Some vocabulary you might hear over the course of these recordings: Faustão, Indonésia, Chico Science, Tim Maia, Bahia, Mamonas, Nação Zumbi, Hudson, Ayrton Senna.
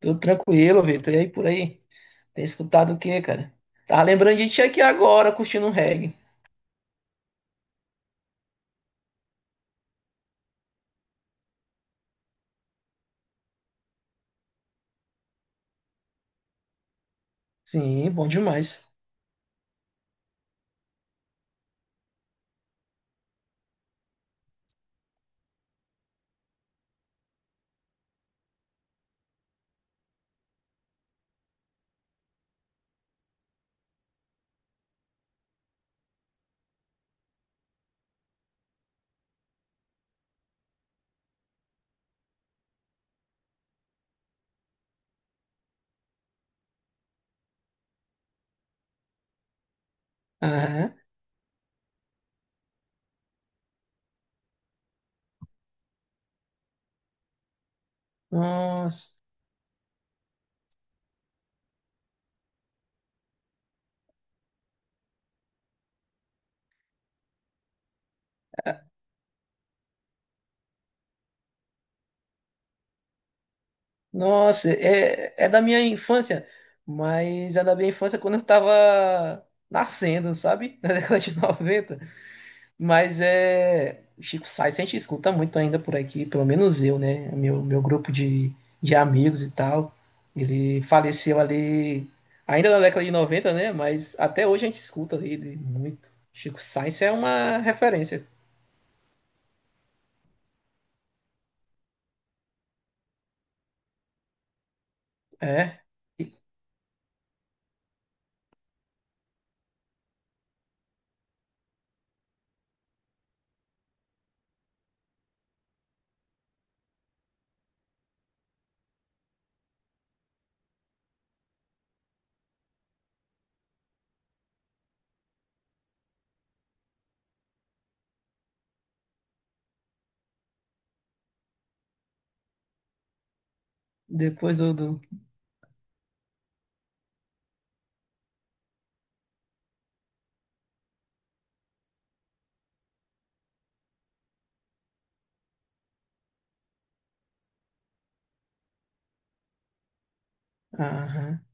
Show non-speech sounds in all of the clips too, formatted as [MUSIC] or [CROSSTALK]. Tudo tranquilo, Vitor. E aí por aí? Tem escutado o quê, cara? Tava lembrando de ti aqui agora, curtindo um reggae. Sim, bom demais. Aham. Nossa, nossa, é da minha infância, mas é da minha infância quando eu tava nascendo, sabe? [LAUGHS] Na década de noventa. Mas é. O Chico Science a gente escuta muito ainda por aqui, pelo menos eu, né? Meu grupo de amigos e tal. Ele faleceu ali, ainda na década de noventa, né? Mas até hoje a gente escuta ele muito. Chico Science é uma referência. É. E Depois do. do... Aham.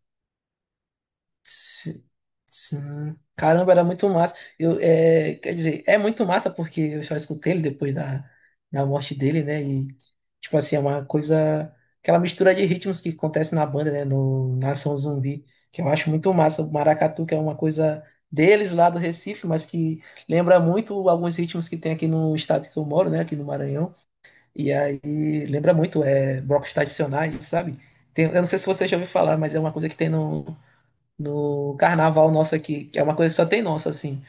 Si- Sim. Caramba, era muito massa. Eu, quer dizer, é muito massa porque eu só escutei ele depois da morte dele, né? E, tipo assim, é uma coisa. Aquela mistura de ritmos que acontece na banda, né? No Nação Zumbi, que eu acho muito massa. O maracatu, que é uma coisa deles lá do Recife, mas que lembra muito alguns ritmos que tem aqui no estado que eu moro, né? Aqui no Maranhão. E aí lembra muito, blocos tradicionais, sabe? Eu não sei se você já ouviu falar, mas é uma coisa que tem no carnaval nosso aqui, que é uma coisa que só tem nossa, assim.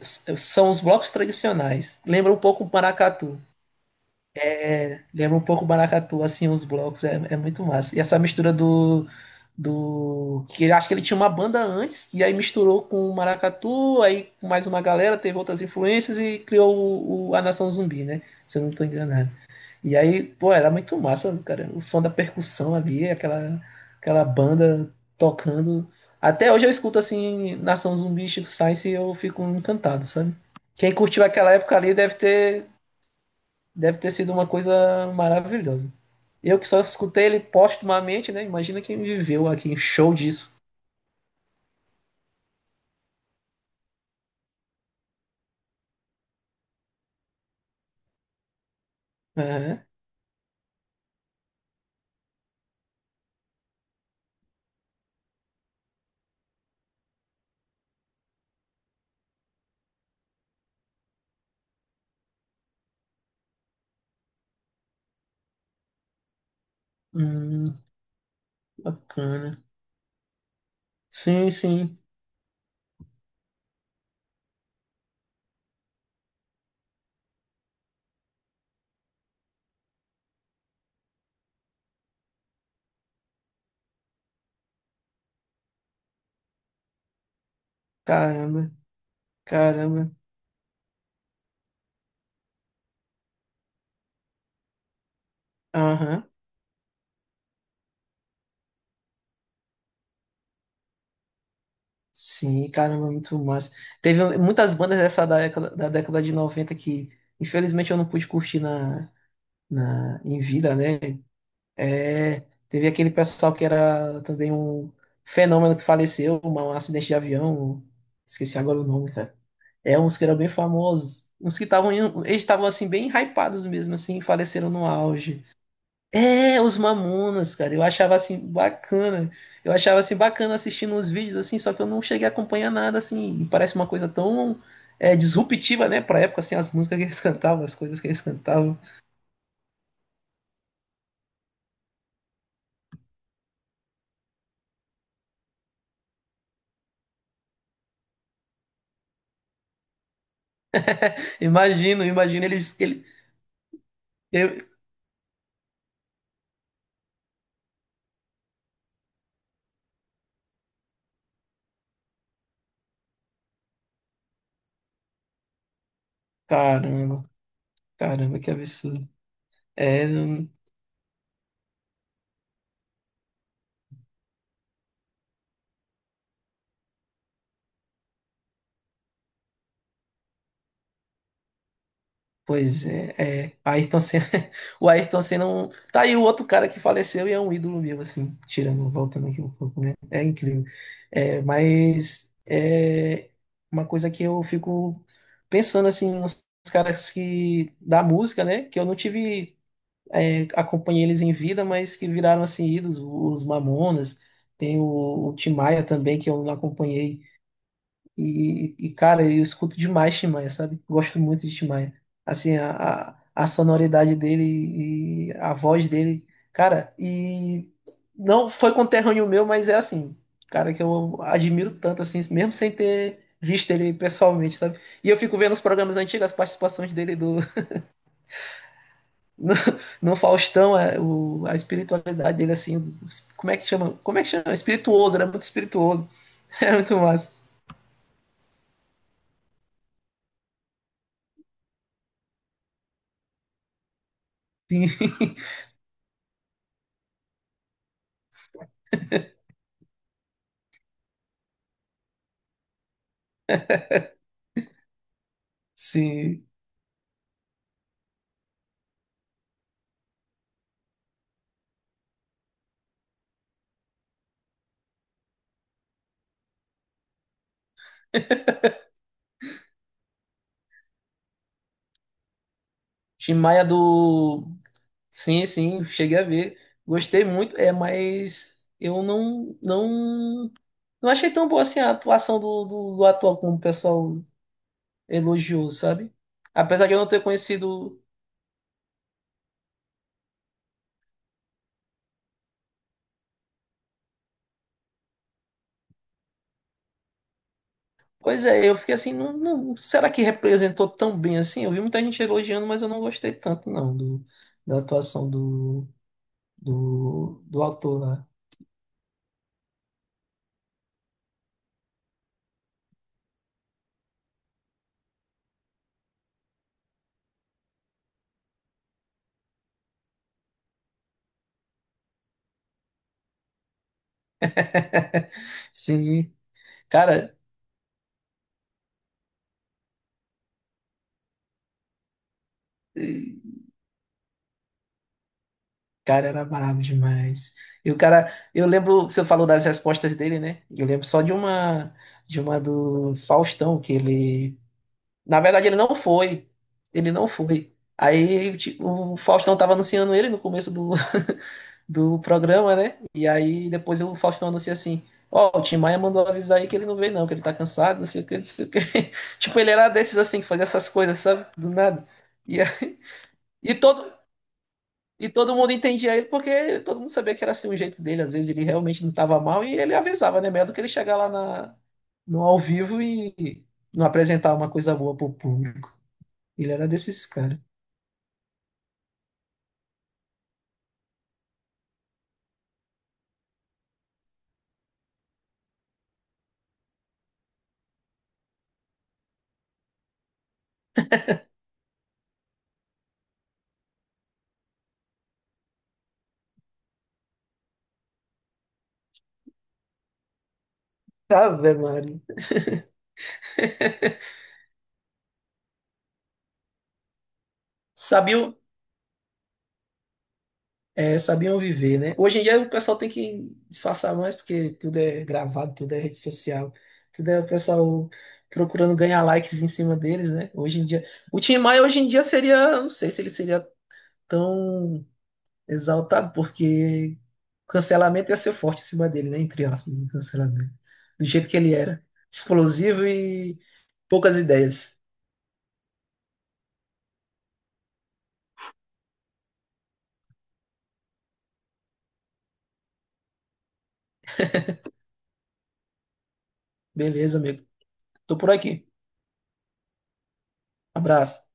São os blocos tradicionais. Lembra um pouco o maracatu. É, lembra um pouco o maracatu, assim, os blocos. É, é muito massa. E essa mistura do que acho que ele tinha uma banda antes, e aí misturou com o maracatu, aí com mais uma galera, teve outras influências e criou a Nação Zumbi, né? Se eu não estou enganado. E aí, pô, era muito massa, cara. O som da percussão ali, aquela banda tocando. Até hoje eu escuto assim, Nação Zumbi e Chico Science e eu fico encantado, sabe? Quem curtiu aquela época ali deve ter sido uma coisa maravilhosa. Eu que só escutei ele postumamente, né? Imagina quem viveu aqui, show disso. Aham. Hum, bacana. Sim, sim. Caramba, caramba. Aham. Sim, caramba, muito massa. Teve muitas bandas dessa década, da década de 90 que, infelizmente, eu não pude curtir em vida, né? É, teve aquele pessoal que era também um fenômeno que faleceu, um acidente de avião, esqueci agora o nome, cara. É, uns que eram bem famosos, uns que estavam, eles estavam, assim, bem hypados mesmo, assim, faleceram no auge. É, os Mamonas, cara. Eu achava assim bacana. Eu achava assim bacana assistindo os vídeos assim, só que eu não cheguei a acompanhar nada assim. E parece uma coisa tão é, disruptiva, né, pra época assim, as músicas que eles [LAUGHS] cantavam, as coisas que eles cantavam. Imagino eu, caramba, caramba, que absurdo. É. Pois é, é. Ayrton Senna, [LAUGHS] o Ayrton Senna, tá aí o outro cara que faleceu e é um ídolo meu, assim, tirando, voltando aqui um pouco, né? É incrível. É, mas é uma coisa que eu fico pensando, assim, nos caras que, da música, né? Que eu não tive, acompanhei eles em vida, mas que viraram, assim, ídolos, os Mamonas, tem o Tim Maia também, que eu não acompanhei e, cara, eu escuto demais Tim Maia, sabe? Gosto muito de Tim Maia. Assim, a sonoridade dele e a voz dele. Cara, e não foi conterrâneo meu, mas é assim, cara, que eu admiro tanto, assim, mesmo sem ter visto ele pessoalmente, sabe? E eu fico vendo os programas antigos, as participações dele [LAUGHS] no, no Faustão, a espiritualidade dele, assim, como é que chama? Como é que chama? Espirituoso, ele é muito espirituoso. [LAUGHS] É muito massa. Sim, [LAUGHS] sim. Tim Maia do. Sim, sim, cheguei a ver. Gostei muito, mas eu não achei tão boa assim a atuação do ator como o pessoal elogiou, sabe? Apesar de eu não ter conhecido. Pois é, eu fiquei assim, será que representou tão bem assim? Eu vi muita gente elogiando, mas eu não gostei tanto, não, da atuação do ator lá. [LAUGHS] Sim, cara. Cara, era brabo demais. E o cara, eu lembro, você falou das respostas dele, né? Eu lembro só de uma, do Faustão, que ele, na verdade, ele não foi. Ele não foi. Aí o Faustão tava anunciando ele no começo [LAUGHS] do programa, né? E aí depois o Faustão anuncia assim: Ó, o Tim Maia mandou avisar aí que ele não veio, não, que ele tá cansado, não sei o que, não sei o que. [LAUGHS] Tipo, ele era desses assim, que fazia essas coisas, sabe? Do nada. E, aí- e todo, e todo mundo entendia ele porque todo mundo sabia que era assim o jeito dele. Às vezes ele realmente não estava mal e ele avisava, né? Melhor do que ele chegar lá no ao vivo e não apresentar uma coisa boa pro público. Ele era desses caras. Ave Maria. Sabiam, sabiam viver, né? Hoje em dia o pessoal tem que disfarçar mais porque tudo é gravado, tudo é rede social, tudo é o pessoal procurando ganhar likes em cima deles, né? Hoje em dia. O Tim Maia hoje em dia seria, não sei se ele seria tão exaltado, porque cancelamento ia ser forte em cima dele, né? Entre aspas, o cancelamento. Do jeito que ele era. Explosivo e poucas ideias. Beleza, amigo. Tô por aqui. Abraço.